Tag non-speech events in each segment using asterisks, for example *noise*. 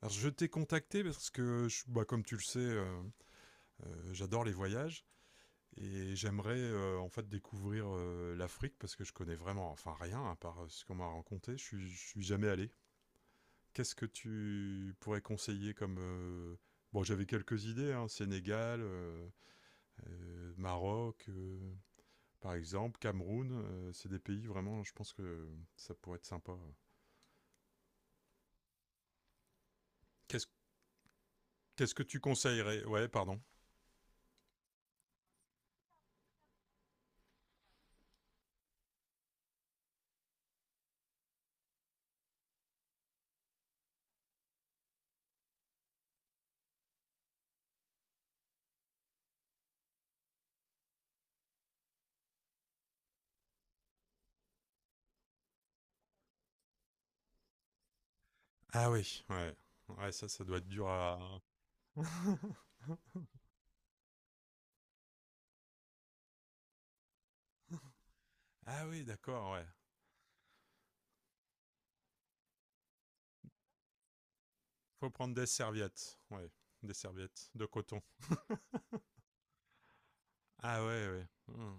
Alors je t'ai contacté parce que, comme tu le sais, j'adore les voyages et j'aimerais en fait découvrir l'Afrique parce que je connais vraiment, enfin rien à part ce qu'on m'a raconté. Je suis jamais allé. Qu'est-ce que tu pourrais conseiller comme bon, j'avais quelques idées, hein, Sénégal, Maroc, par exemple, Cameroun. C'est des pays vraiment, je pense que ça pourrait être sympa. Qu'est-ce qu'est-ce que tu conseillerais? Ouais, pardon. Ah oui, ouais. Ouais, ça doit être dur à, *laughs* Ah oui, d'accord, ouais. Faut prendre des serviettes, ouais. Des serviettes de coton. Ah ouais, ouais. Hmm.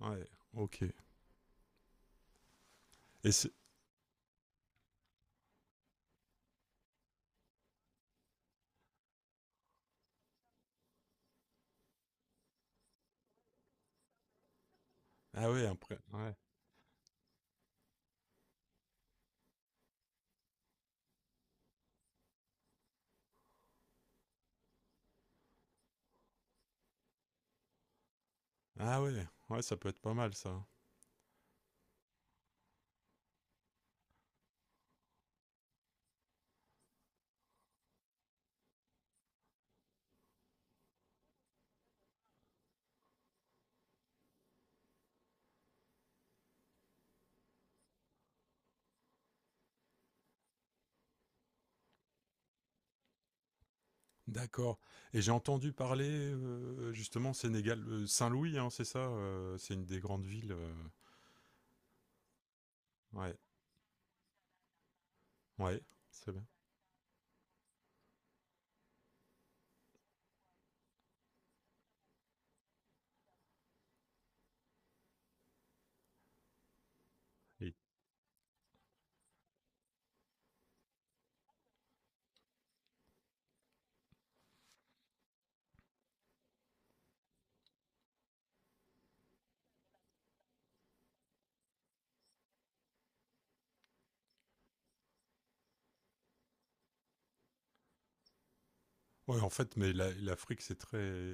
Ouais, ok. Et c'est... Ah ouais, après... Ouais. Ah ouais, ouais, ça peut être pas mal, ça. D'accord. Et j'ai entendu parler, justement, Sénégal... Saint-Louis, hein, c'est ça c'est une des grandes villes. Ouais, ouais, c'est bien. Et- Ouais, en fait, l'Afrique, c'est très...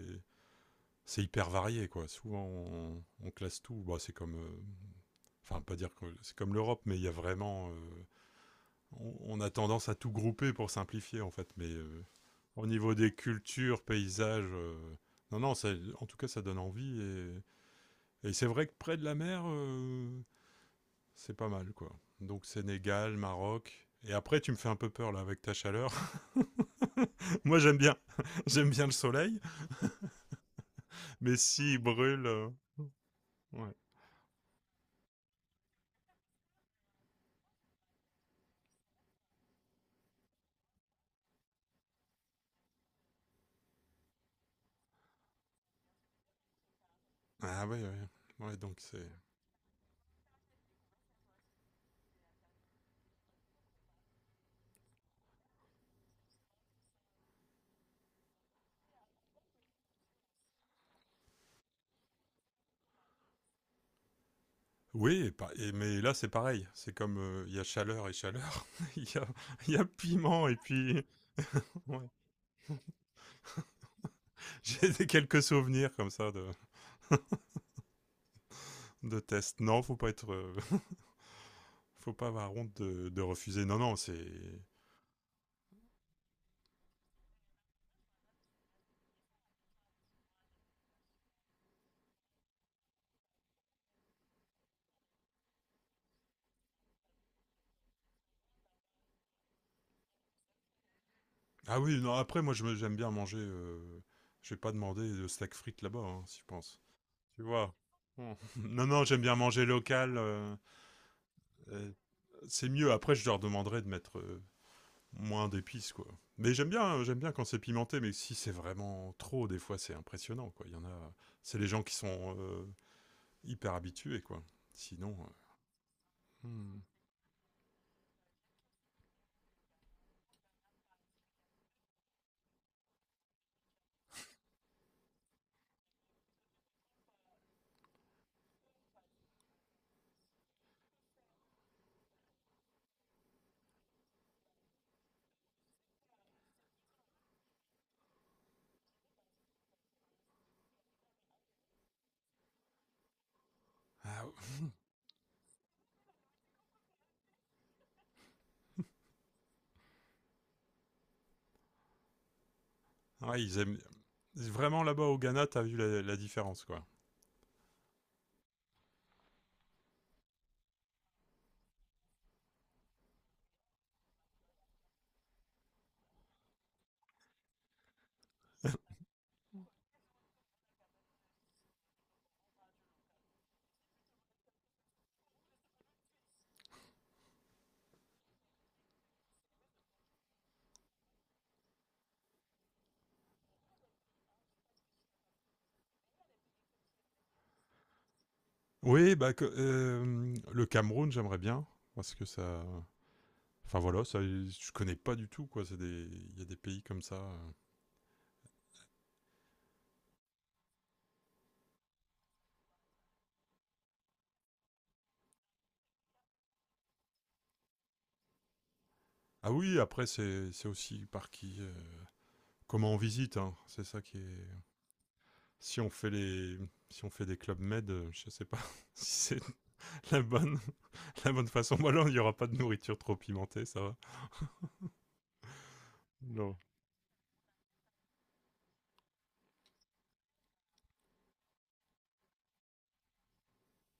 C'est hyper varié, quoi. Souvent, on classe tout. Bah, c'est comme... enfin, pas dire que c'est comme l'Europe, mais il y a vraiment. On a tendance à tout grouper pour simplifier, en fait. Mais au niveau des cultures, paysages. Non, non, ça- en tout cas, ça donne envie. Et c'est vrai que près de la mer, c'est pas mal, quoi. Donc, Sénégal, Maroc. Et après, tu me fais un peu peur, là, avec ta chaleur. *laughs* Moi, j'aime bien. *laughs* J'aime bien le soleil. Mais s'il brûle. Ouais. Ah, ouais, ouais. Ouais, donc c'est. Oui, mais là c'est pareil, c'est comme il y a chaleur et chaleur, *laughs* il y a, il y a piment et puis *laughs* ouais. Quelques souvenirs comme ça de tests. Non, faut pas être, *laughs* faut pas avoir honte de refuser. Non, non, c'est. Ah oui, non. Après, j'aime bien manger. Je vais pas demander de steak frites là-bas, hein, si je pense. Tu vois. Hmm. *laughs* Non, non, j'aime bien manger local. Euh, c'est mieux. Après, je leur demanderai de mettre, moins d'épices quoi. Mais j'aime bien quand c'est pimenté, mais si c'est vraiment trop, des fois c'est impressionnant quoi. Il y en a, c'est les gens qui sont hyper habitués quoi. Sinon, hmm. ah, ouais, ils aiment vraiment là-bas au Ghana, t'as vu la, la, différence quoi. Oui, bah que, le Cameroun, j'aimerais bien parce que ça, enfin voilà, ça, je connais pas du tout quoi. C'est des, il y a des pays comme ça. Ah oui, après c'est aussi par qui, comment on visite, hein. C'est ça qui est Si on fait les, si on fait des clubs med, je sais pas *laughs* si c'est la bonne, *laughs* la bonne façon. Voilà, il n'y aura pas de nourriture trop pimentée, ça va. Non.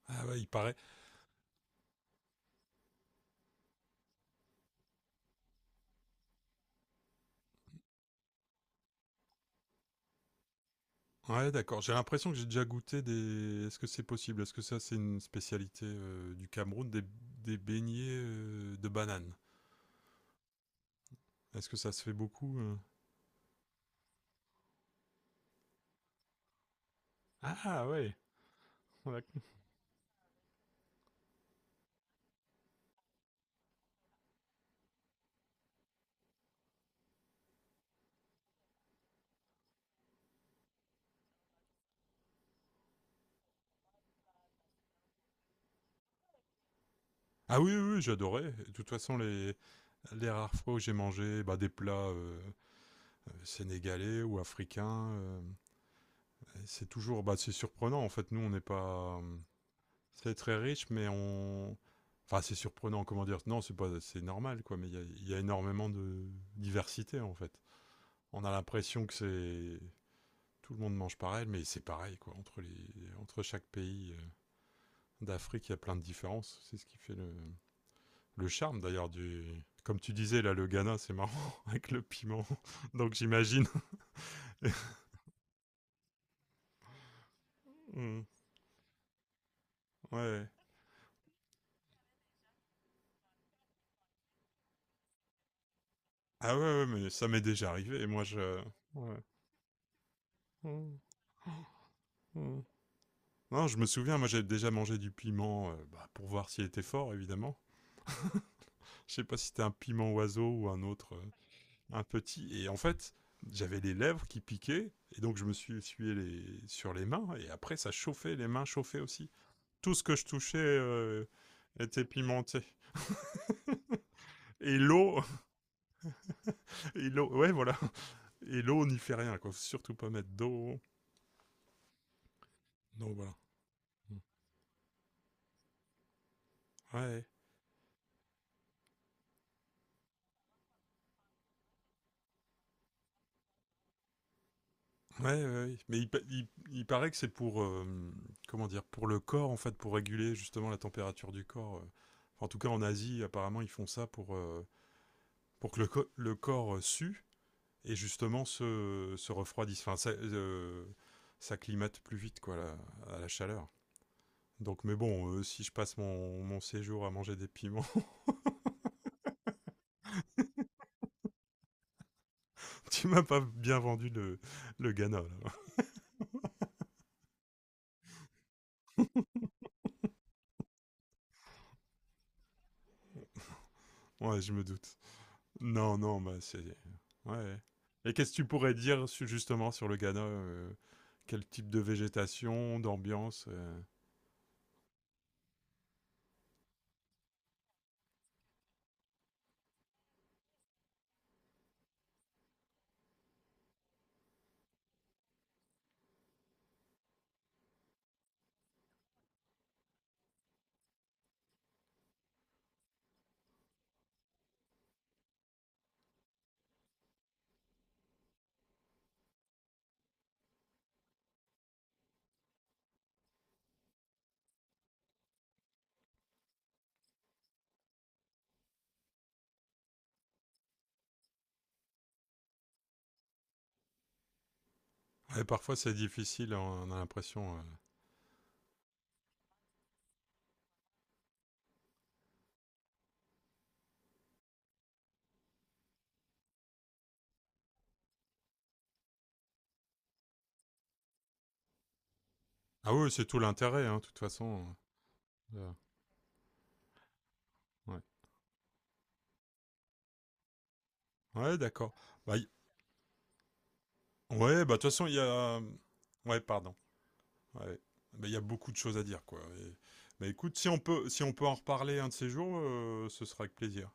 Ah ouais, il paraît. Ouais, d'accord. J'ai l'impression que j'ai déjà goûté des. Est-ce que c'est possible? Est-ce que ça, c'est une spécialité du Cameroun, des beignets de bananes? Est-ce que ça se fait beaucoup? Ah ouais. on a- Ah oui, oui, oui, j'adorais. De toute façon, les rares fois où j'ai mangé bah, des plats sénégalais ou africains, c'est toujours, bah, c'est surprenant. En fait, nous, on n'est pas, c'est très riche, mais on, enfin, c'est surprenant. Comment dire? Non, c'est pas, c'est normal, quoi. Mais il y a énormément de diversité, en fait. On a l'impression que c'est tout le monde mange pareil, mais c'est pareil, quoi. Entre les, entre chaque pays d'Afrique, il y a plein de différences. C'est ce qui fait le charme, d'ailleurs, du. Comme tu disais, là, le Ghana, c'est marrant, *laughs* avec le piment. *laughs* Donc, j'imagine. *laughs* Mm. ouais. Ah ouais, ouais, mais ça m'est déjà arrivé. Et moi, je. Mm. Non, je me souviens, moi j'avais déjà mangé du piment bah, pour voir s'il était fort, évidemment. Je sais pas si c'était un piment oiseau ou un autre, un petit. Et en fait, j'avais les lèvres qui piquaient, et donc je me suis essuyé les... sur les mains, et après ça chauffait, les mains chauffaient aussi. Tout ce que je touchais était pimenté. Et l'eau, *laughs* et l'eau, ouais voilà. Et l'eau n'y fait rien, quoi. Faut surtout pas mettre d'eau. Donc voilà. Ouais. Ouais, ouais, ouais. Il paraît que c'est pour comment dire? Pour le corps en fait pour réguler justement la température du corps. Enfin, en tout cas en Asie apparemment ils font ça pour que le corps sue et justement se, se refroidisse. Enfin ça s'acclimate plus vite quoi la- à la chaleur. Donc mais bon si je passe mon, mon séjour à manger des piments, *laughs* tu m'as pas bien vendu le Ghana là. *laughs* Ouais je me doute. Non, non, bah c'est. Ouais. Et qu'est-ce que tu pourrais dire su- justement sur le Ghana quel type de végétation, d'ambiance? Ouais, parfois c'est difficile, hein, on a l'impression. Ah oui, c'est tout l'intérêt, hein, de toute façon. euh, Ouais, Ouais, d'accord. Bah, y- Ouais, bah de toute façon, il y a. Ouais, pardon. Ouais. Bah, il y a beaucoup de choses à dire, quoi. Et- Bah écoute, si on peut, si on peut en reparler un de ces jours, ce sera avec plaisir.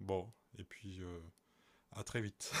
Bon, et puis à très vite.